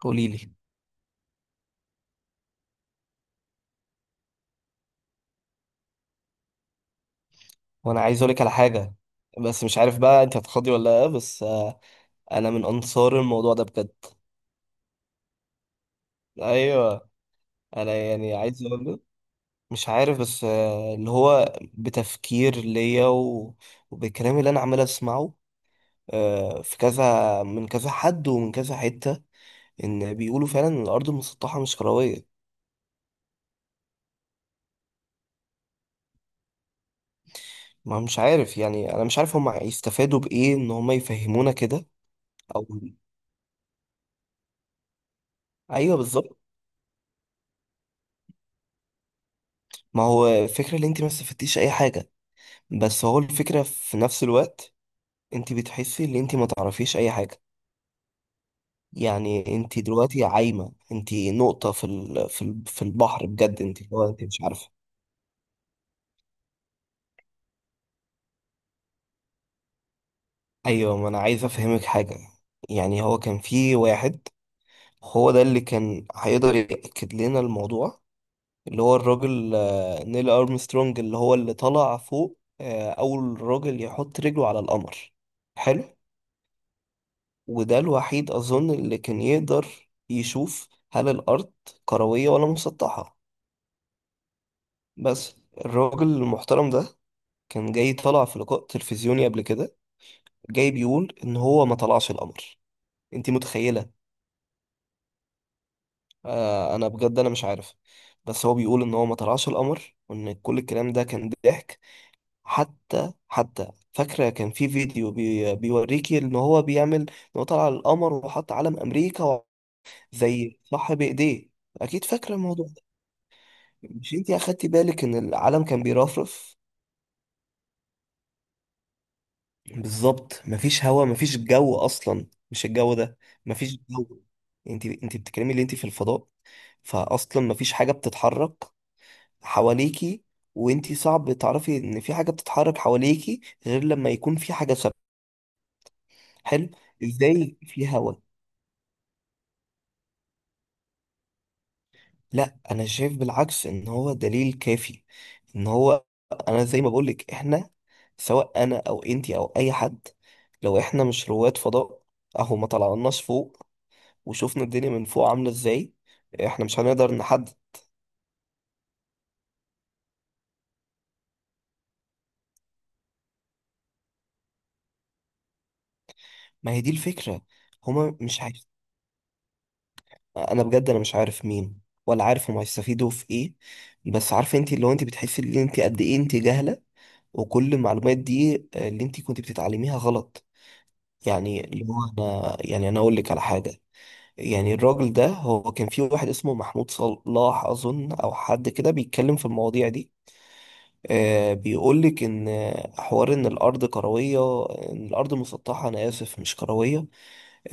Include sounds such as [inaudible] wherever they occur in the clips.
قولي لي. وانا عايز اقولك على حاجه بس مش عارف بقى انت هتخضي ولا لا، بس انا من انصار الموضوع ده بجد. ايوه. انا يعني عايز اقول لك مش عارف بس اللي هو بتفكير ليا وبالكلام اللي انا عمال اسمعه. في كذا من كذا حد ومن كذا حته، ان بيقولوا فعلا ان الارض المسطحه مش كرويه. ما مش عارف يعني، انا مش عارف هم هيستفادوا بايه ان هم يفهمونا كده او ايوه بالظبط. ما هو الفكره اللي انت ما استفدتيش اي حاجه، بس هو الفكرة في نفس الوقت انت بتحسي ان انت ما تعرفيش اي حاجة. يعني انت دلوقتي عايمة، انت نقطة في البحر بجد، انت اللي هو انت مش عارفة. ايوه ما انا عايز افهمك حاجة. يعني هو كان في واحد هو ده اللي كان هيقدر يأكد لنا الموضوع، اللي هو الراجل نيل أرمسترونج اللي هو اللي طلع فوق أول راجل يحط رجله على القمر. حلو. وده الوحيد أظن اللي كان يقدر يشوف هل الأرض كروية ولا مسطحة. بس الراجل المحترم ده كان جاي طلع في لقاء تلفزيوني قبل كده، جاي بيقول إن هو ما طلعش القمر. أنت متخيلة؟ أنا بجد أنا مش عارف، بس هو بيقول إن هو ما طلعش القمر، وإن كل الكلام ده كان ضحك. حتى فاكرة كان في فيديو بي بيوريكي إن هو بيعمل إن هو طلع القمر وحط علم أمريكا زي صح بإيديه. أكيد فاكرة الموضوع. مش انتي اخدتي بالك ان العالم كان بيرفرف؟ بالظبط، مفيش هوا مفيش جو اصلا مش الجو ده. مفيش جو. انتي بتتكلمي اللي انتي في الفضاء، فاصلا مفيش حاجه بتتحرك حواليكي. وانتي صعب تعرفي ان في حاجه بتتحرك حواليكي غير لما يكون في حاجه ثابته. حلو. ازاي في هوا؟ لا انا شايف بالعكس ان هو دليل كافي، ان هو انا زي ما بقولك، احنا سواء انا او انتي او اي حد، لو احنا مش رواد فضاء اهو ما طلعناش فوق وشوفنا الدنيا من فوق عاملة ازاي، احنا مش هنقدر نحدد. ما هي دي الفكرة، هما مش عارف. انا بجد انا مش عارف مين، ولا عارف هما هيستفيدوا في ايه. بس عارفه انتي اللي هو انتي بتحسي ان انتي قد ايه انتي جاهلة، وكل المعلومات دي اللي انتي كنت بتتعلميها غلط. يعني اللي هو انا يعني انا اقول لك على حاجه. يعني الراجل ده، هو كان في واحد اسمه محمود صلاح اظن، او حد كده بيتكلم في المواضيع دي. بيقول لك ان حوار ان الارض كرويه، ان الارض مسطحه انا اسف مش كرويه.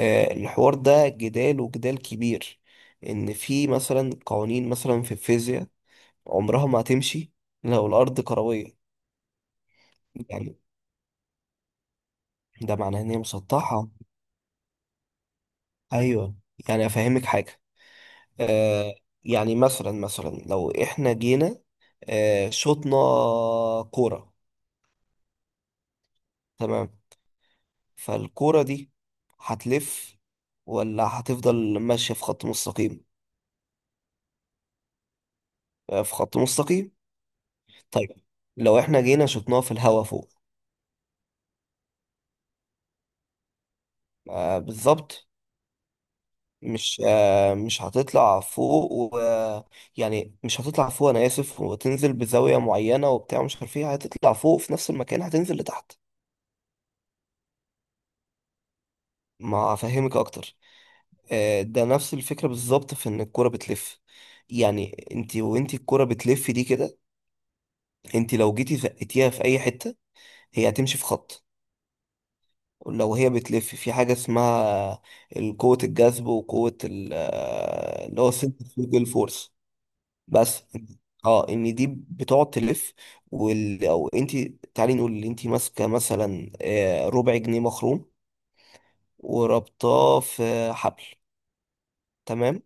الحوار ده جدال وجدال كبير. ان في مثلا قوانين مثلا في الفيزياء عمرها ما هتمشي لو الارض كرويه. يعني ده معناه ان هي مسطحه. ايوه. يعني افهمك حاجه. آه. يعني مثلا لو احنا جينا شطنا كورة. تمام. فالكورة دي هتلف ولا هتفضل ماشية في خط مستقيم؟ في خط مستقيم. طيب. لو احنا جينا شطناها في الهوا فوق، بالظبط. مش هتطلع فوق و، يعني مش هتطلع فوق انا اسف وتنزل بزاوية معينة وبتاع مش عارف ايه، هتطلع فوق في نفس المكان هتنزل لتحت. ما هفهمك اكتر. ده نفس الفكرة بالظبط في ان الكرة بتلف. يعني انت وانت الكرة بتلف دي كده، انت لو جيتي زقتيها في اي حتة هي هتمشي في خط. لو هي بتلف في حاجة اسمها قوة الجذب وقوة اللي هو centrifugal فورس. بس اه ان دي بتقعد تلف. او انت، تعالي نقول ان انت ماسكة مثلا ربع جنيه مخروم وربطاه في حبل. تمام.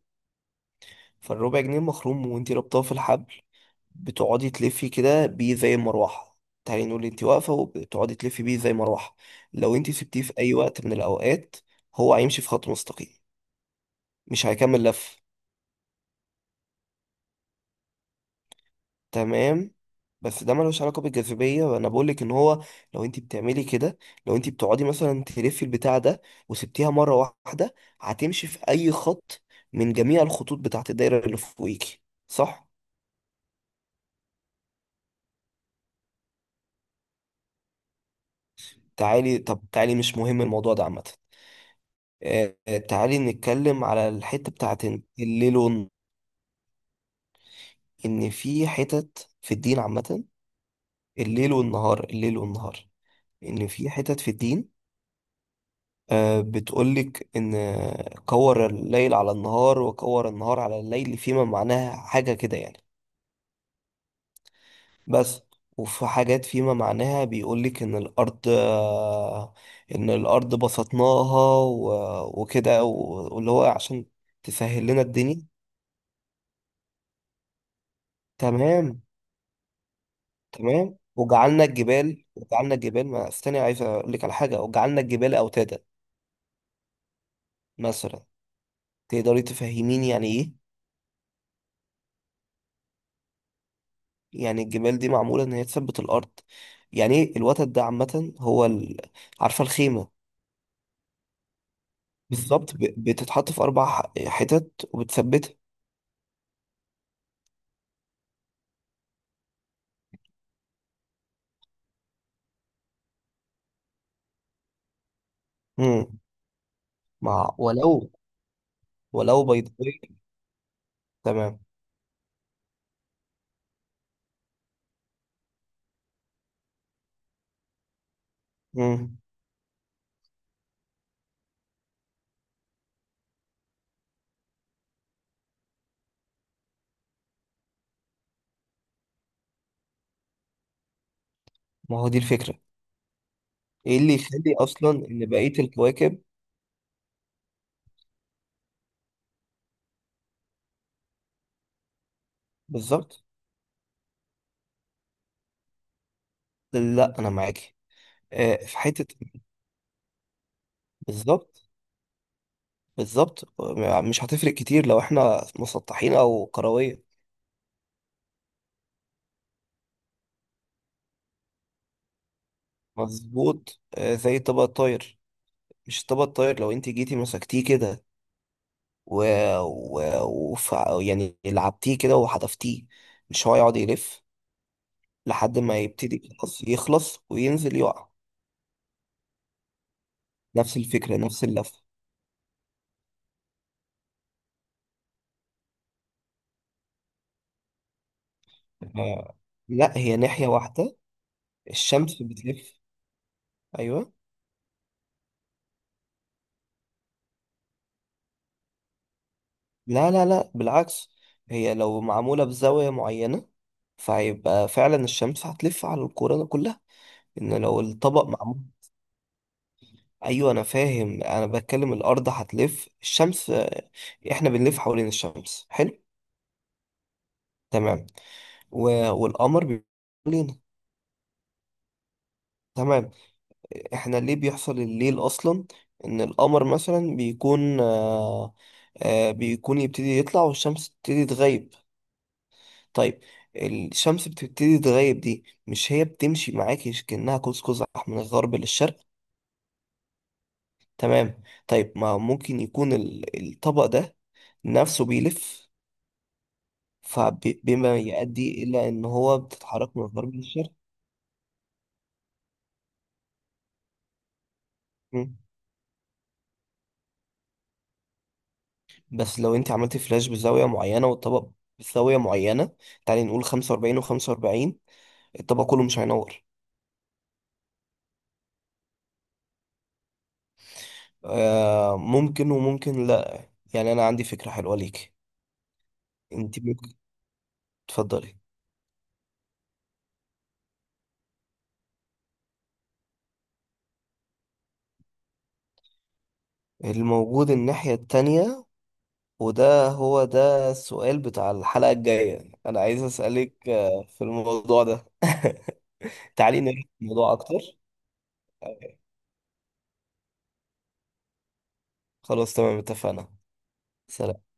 فالربع جنيه مخروم وانت ربطاه في الحبل، بتقعدي تلفي كده بيه زي المروحة. تعالي نقول انت واقفة وبتقعدي تلفي بيه زي المروحة، لو انت سبتيه في أي وقت من الأوقات هو هيمشي في خط مستقيم، مش هيكمل لف. تمام. بس ده ملوش علاقة بالجاذبية، أنا بقولك إن هو لو انت بتعملي كده، لو انت بتقعدي مثلا تلفي البتاع ده وسبتيها مرة واحدة، هتمشي في أي خط من جميع الخطوط بتاعت الدايرة اللي فوقيكي. صح؟ تعالي طب تعالي، مش مهم الموضوع ده عامة. آه، تعالي نتكلم على الحتة بتاعت إن الليل والنهار، إن في حتت في الدين عامة. الليل والنهار الليل والنهار. إن في حتت في الدين بتقولك إن كور الليل على النهار وكور النهار على الليل، فيما معناها حاجة كده يعني. بس وفي حاجات فيما معناها بيقولك إن الأرض إن الأرض بسطناها وكده واللي هو عشان تسهل لنا الدنيا. تمام. تمام وجعلنا الجبال وجعلنا الجبال ما استني عايز اقول لك على حاجه، وجعلنا الجبال اوتادا مثلا. تقدري تفهميني يعني ايه؟ يعني الجبال دي معموله ان هي تثبت الارض. يعني ايه الوتد ده عامه هو ال...، عارفه الخيمه؟ بالظبط، بتتحط في اربع حتت وبتثبتها. امم. مع ولو، ولو بيضاوي. تمام. امم. ما هو دي الفكره. ايه اللي يخلي اصلا ان بقيه الكواكب. بالظبط. لا انا معاكي. في حته بالظبط. بالظبط، مش هتفرق كتير لو احنا مسطحين او كرويه. مظبوط. زي الطبق الطاير. مش الطبق الطاير، لو انت جيتي مسكتيه كده و... و... يعني لعبتيه كده وحدفتيه، مش هو يقعد يلف لحد ما يبتدي خلاص يخلص وينزل يقع. نفس الفكره نفس اللفه. آه، لا هي ناحيه واحده. الشمس بتلف. ايوه. لا، لا، لا بالعكس، هي لو معمولة بزاوية معينة فهيبقى فعلا الشمس هتلف على الكورة ده كلها، ان لو الطبق معمول. ايوه انا فاهم. انا بتكلم الارض هتلف الشمس. احنا بنلف حوالين الشمس. حلو. تمام. و...، والقمر بيلف حوالينا. تمام. احنا ليه بيحصل الليل اصلا؟ ان القمر مثلا بيكون بيكون يبتدي يطلع والشمس تبتدي تغيب. طيب. الشمس بتبتدي تغيب دي مش هي بتمشي معاكي كأنها قوس قزح من الغرب للشرق؟ تمام. طيب ما ممكن يكون الطبق ده نفسه بيلف، فبما يؤدي إلى إن هو بتتحرك من الغرب للشرق. مم. بس لو أنت عملتي فلاش بزاوية معينة والطبق بزاوية معينة، تعالي نقول 45 و45 الطبق كله مش هينور. آه ممكن وممكن لأ. يعني أنا عندي فكرة حلوة ليكي. أنت ممكن، تفضلي. الموجود الناحية التانية، وده هو ده السؤال بتاع الحلقة الجاية أنا عايز أسألك في الموضوع ده. [laughs] تعالي نرجع الموضوع أكتر. خلاص تمام اتفقنا. سلام.